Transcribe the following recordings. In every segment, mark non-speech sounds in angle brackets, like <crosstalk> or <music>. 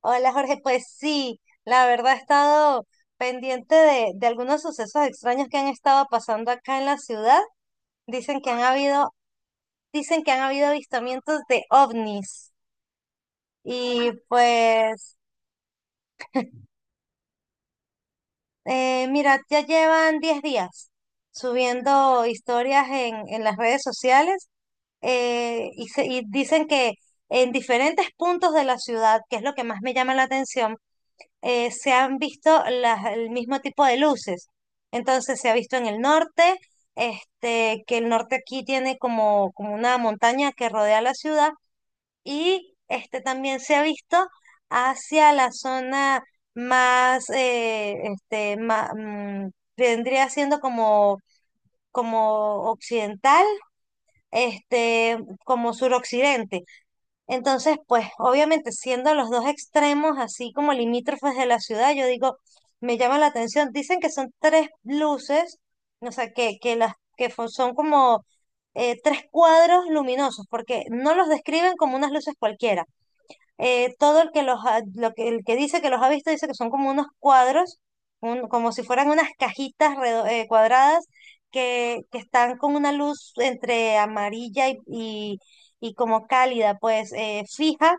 Hola Jorge, pues sí, la verdad he estado pendiente de algunos sucesos extraños que han estado pasando acá en la ciudad. Dicen que han habido, dicen que han habido avistamientos de ovnis. Y pues, mira, ya llevan 10 días subiendo historias en las redes sociales. Y dicen que en diferentes puntos de la ciudad, que es lo que más me llama la atención, se han visto las, el mismo tipo de luces. Entonces se ha visto en el norte, este, que el norte aquí tiene como una montaña que rodea la ciudad, y este, también se ha visto hacia la zona más, vendría siendo como, como occidental, este, como suroccidente. Entonces, pues obviamente siendo los dos extremos así como limítrofes de la ciudad, yo digo, me llama la atención. Dicen que son tres luces, o sea, que las que fo- son como tres cuadros luminosos, porque no los describen como unas luces cualquiera. Todo el que los ha- lo que, el que dice que los ha visto dice que son como unos cuadros, un- como si fueran unas cajitas redo- cuadradas, que están con una luz entre amarilla y, y como cálida, pues fija,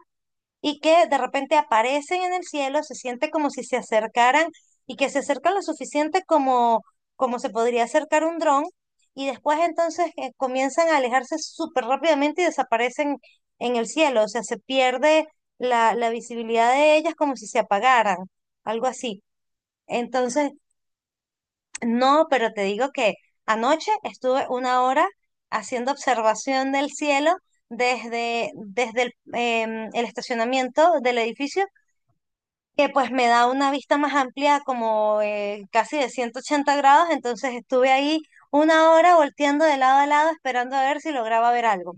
y que de repente aparecen en el cielo, se siente como si se acercaran y que se acercan lo suficiente como, como se podría acercar un dron, y después entonces comienzan a alejarse súper rápidamente y desaparecen en el cielo, o sea, se pierde la visibilidad de ellas como si se apagaran, algo así. Entonces, no, pero te digo que anoche estuve una hora haciendo observación del cielo desde el, el estacionamiento del edificio, que pues me da una vista más amplia, como casi de 180 grados, entonces estuve ahí una hora volteando de lado a lado esperando a ver si lograba ver algo.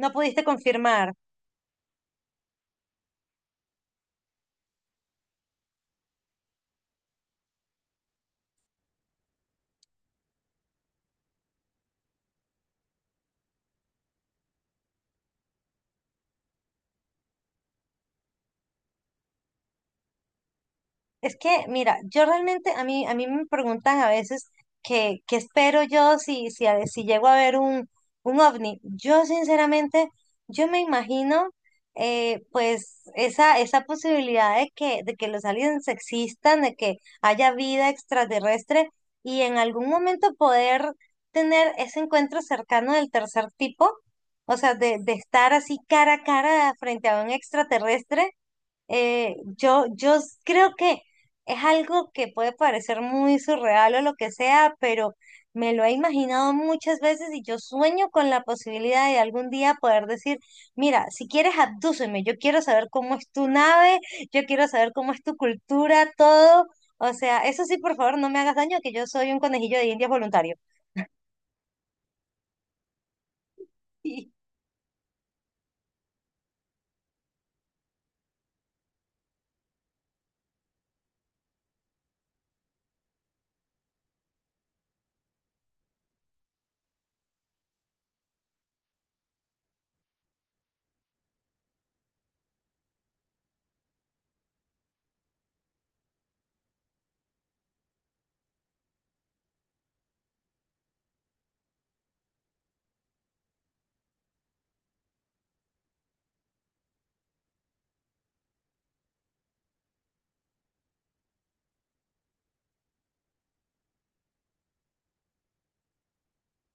No pudiste confirmar. Es que, mira, yo realmente, a mí me preguntan a veces que, qué espero yo si, si, a- si llego a ver un ovni. Yo, sinceramente, yo me imagino, pues, esa posibilidad de que los aliens existan, de que haya vida extraterrestre y en algún momento poder tener ese encuentro cercano del tercer tipo, o sea, de estar así cara a cara frente a un extraterrestre. Yo creo que es algo que puede parecer muy surreal o lo que sea, pero me lo he imaginado muchas veces y yo sueño con la posibilidad de algún día poder decir, mira, si quieres abdúceme, yo quiero saber cómo es tu nave, yo quiero saber cómo es tu cultura, todo. O sea, eso sí, por favor, no me hagas daño, que yo soy un conejillo de Indias voluntario. <laughs>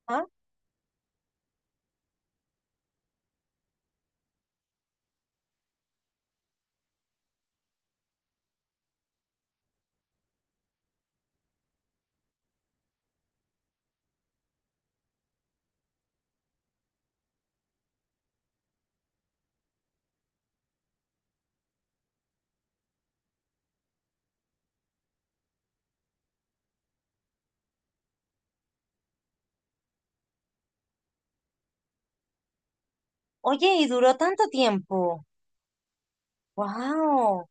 ¿Ah? Oye, y duró tanto tiempo. ¡Wow!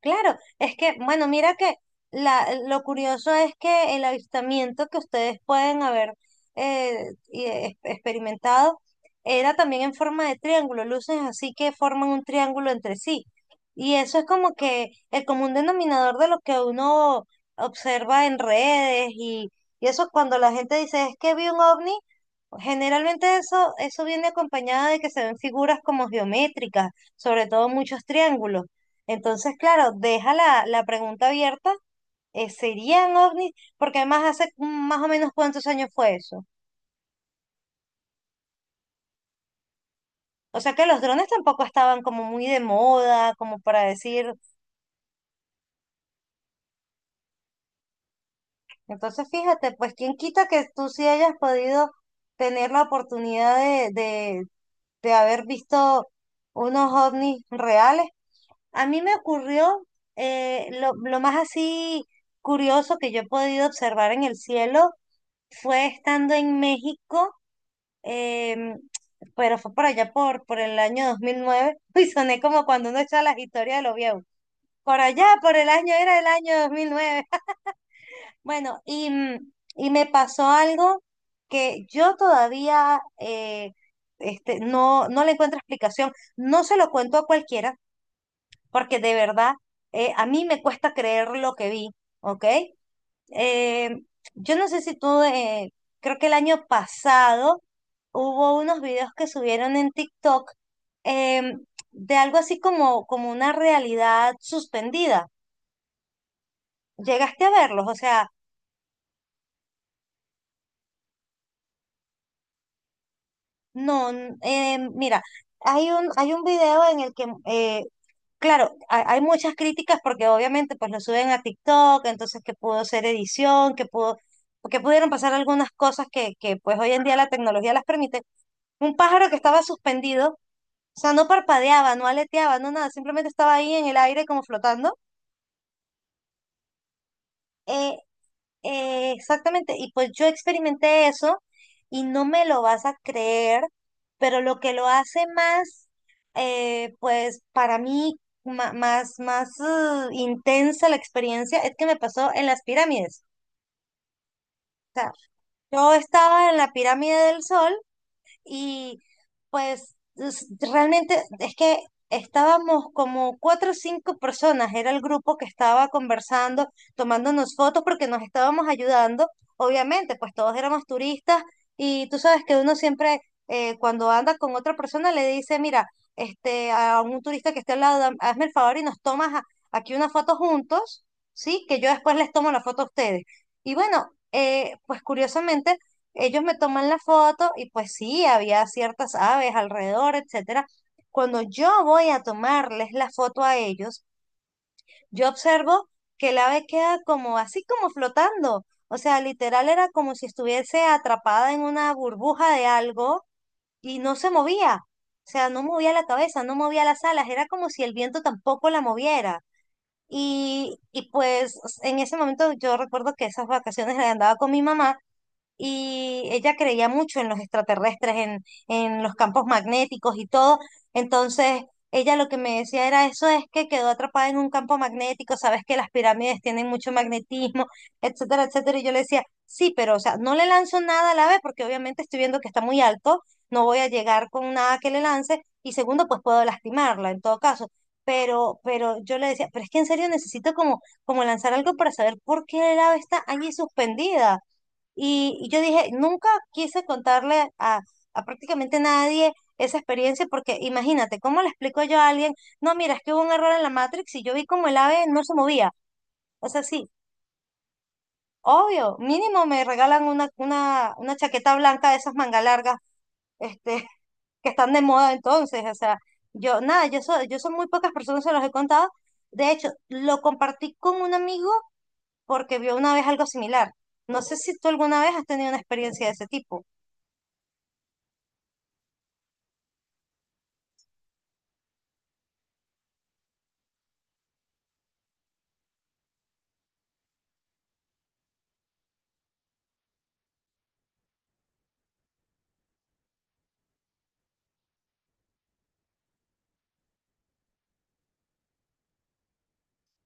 Claro, es que, bueno, mira que la, lo curioso es que el avistamiento que ustedes pueden haber y experimentado era también en forma de triángulo, luces así que forman un triángulo entre sí. Y eso es como que el común denominador de lo que uno observa en redes, y eso cuando la gente dice es que vi un ovni, generalmente eso, eso viene acompañado de que se ven figuras como geométricas, sobre todo muchos triángulos. Entonces, claro, deja la pregunta abierta. ¿Serían ovnis? Porque además hace más o menos cuántos años fue eso. O sea que los drones tampoco estaban como muy de moda, como para decir. Entonces, fíjate, pues quién quita que tú sí hayas podido tener la oportunidad de haber visto unos ovnis reales. A mí me ocurrió, lo más así curioso que yo he podido observar en el cielo fue estando en México, em, pero fue por allá por el año 2009. <laughs> Uy, soné como cuando uno echa las historias de los viejos. Por allá, por el año, era el año 2009. <laughs> Bueno, y me pasó algo que yo todavía no, no le encuentro explicación. No se lo cuento a cualquiera, porque de verdad, a mí me cuesta creer lo que vi, ¿ok? eh, yo no sé si tú, creo que el año pasado hubo unos videos que subieron en TikTok, em, de algo así como, como una realidad suspendida. ¿Llegaste a verlos? O sea, no, mira, hay un video en el que claro, hay muchas críticas porque obviamente pues lo suben a TikTok, entonces que pudo ser edición, que pudo, que pudieron pasar algunas cosas que pues hoy en día la tecnología las permite. Un pájaro que estaba suspendido, o sea, no parpadeaba, no aleteaba, no nada, simplemente estaba ahí en el aire como flotando. Eh, exactamente, y pues yo experimenté eso y no me lo vas a creer, pero lo que lo hace más, pues para mí, más intensa la experiencia es que me pasó en las pirámides. O sea, yo estaba en la pirámide del Sol, y pues realmente es que estábamos como cuatro o cinco personas, era el grupo que estaba conversando, tomándonos fotos porque nos estábamos ayudando. Obviamente, pues todos éramos turistas, y tú sabes que uno siempre, cuando anda con otra persona le dice, mira, este, a un turista que esté al lado, hazme el favor y nos tomas a- aquí una foto juntos, ¿sí? Que yo después les tomo la foto a ustedes. Y bueno, pues curiosamente ellos me toman la foto y pues sí, había ciertas aves alrededor, etcétera. Cuando yo voy a tomarles la foto a ellos, yo observo que el ave queda como así como flotando. O sea, literal era como si estuviese atrapada en una burbuja de algo y no se movía. O sea, no movía la cabeza, no movía las alas, era como si el viento tampoco la moviera. Y pues en ese momento yo recuerdo que esas vacaciones las andaba con mi mamá, y ella creía mucho en los extraterrestres, en los campos magnéticos y todo. Entonces, ella lo que me decía era eso es que quedó atrapada en un campo magnético, sabes que las pirámides tienen mucho magnetismo, etcétera, etcétera. Y yo le decía, sí, pero o sea, no le lanzo nada a la ave porque obviamente estoy viendo que está muy alto, no voy a llegar con nada que le lance y segundo, pues puedo lastimarla en todo caso. Pero yo le decía, pero es que en serio necesito como, como lanzar algo para saber por qué el ave está allí suspendida. Y yo dije, nunca quise contarle a prácticamente nadie esa experiencia porque imagínate, ¿cómo le explico yo a alguien? No, mira, es que hubo un error en la Matrix y yo vi como el ave no se movía. O sea, sí, obvio, mínimo me regalan una, una chaqueta blanca de esas mangas largas, este, <laughs> que están de moda entonces. O sea, yo, nada, yo soy muy pocas personas se los he contado. De hecho, lo compartí con un amigo porque vio una vez algo similar. No sé si tú alguna vez has tenido una experiencia de ese tipo.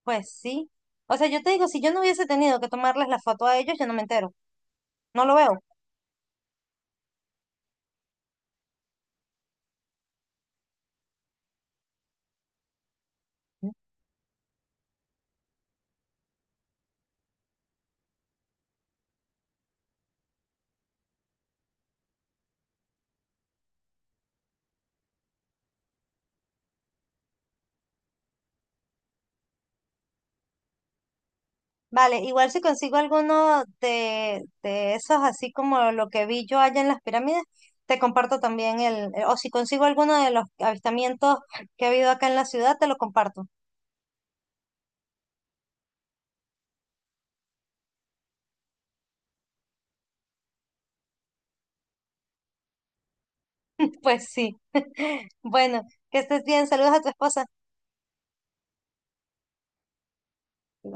Pues sí. O sea, yo te digo, si yo no hubiese tenido que tomarles la foto a ellos, yo no me entero. No lo veo. Vale, igual si consigo alguno de esos, así como lo que vi yo allá en las pirámides, te comparto también el, o si consigo alguno de los avistamientos que ha habido acá en la ciudad, te lo comparto. <laughs> Pues sí. <laughs> Bueno, que estés bien. Saludos a tu esposa.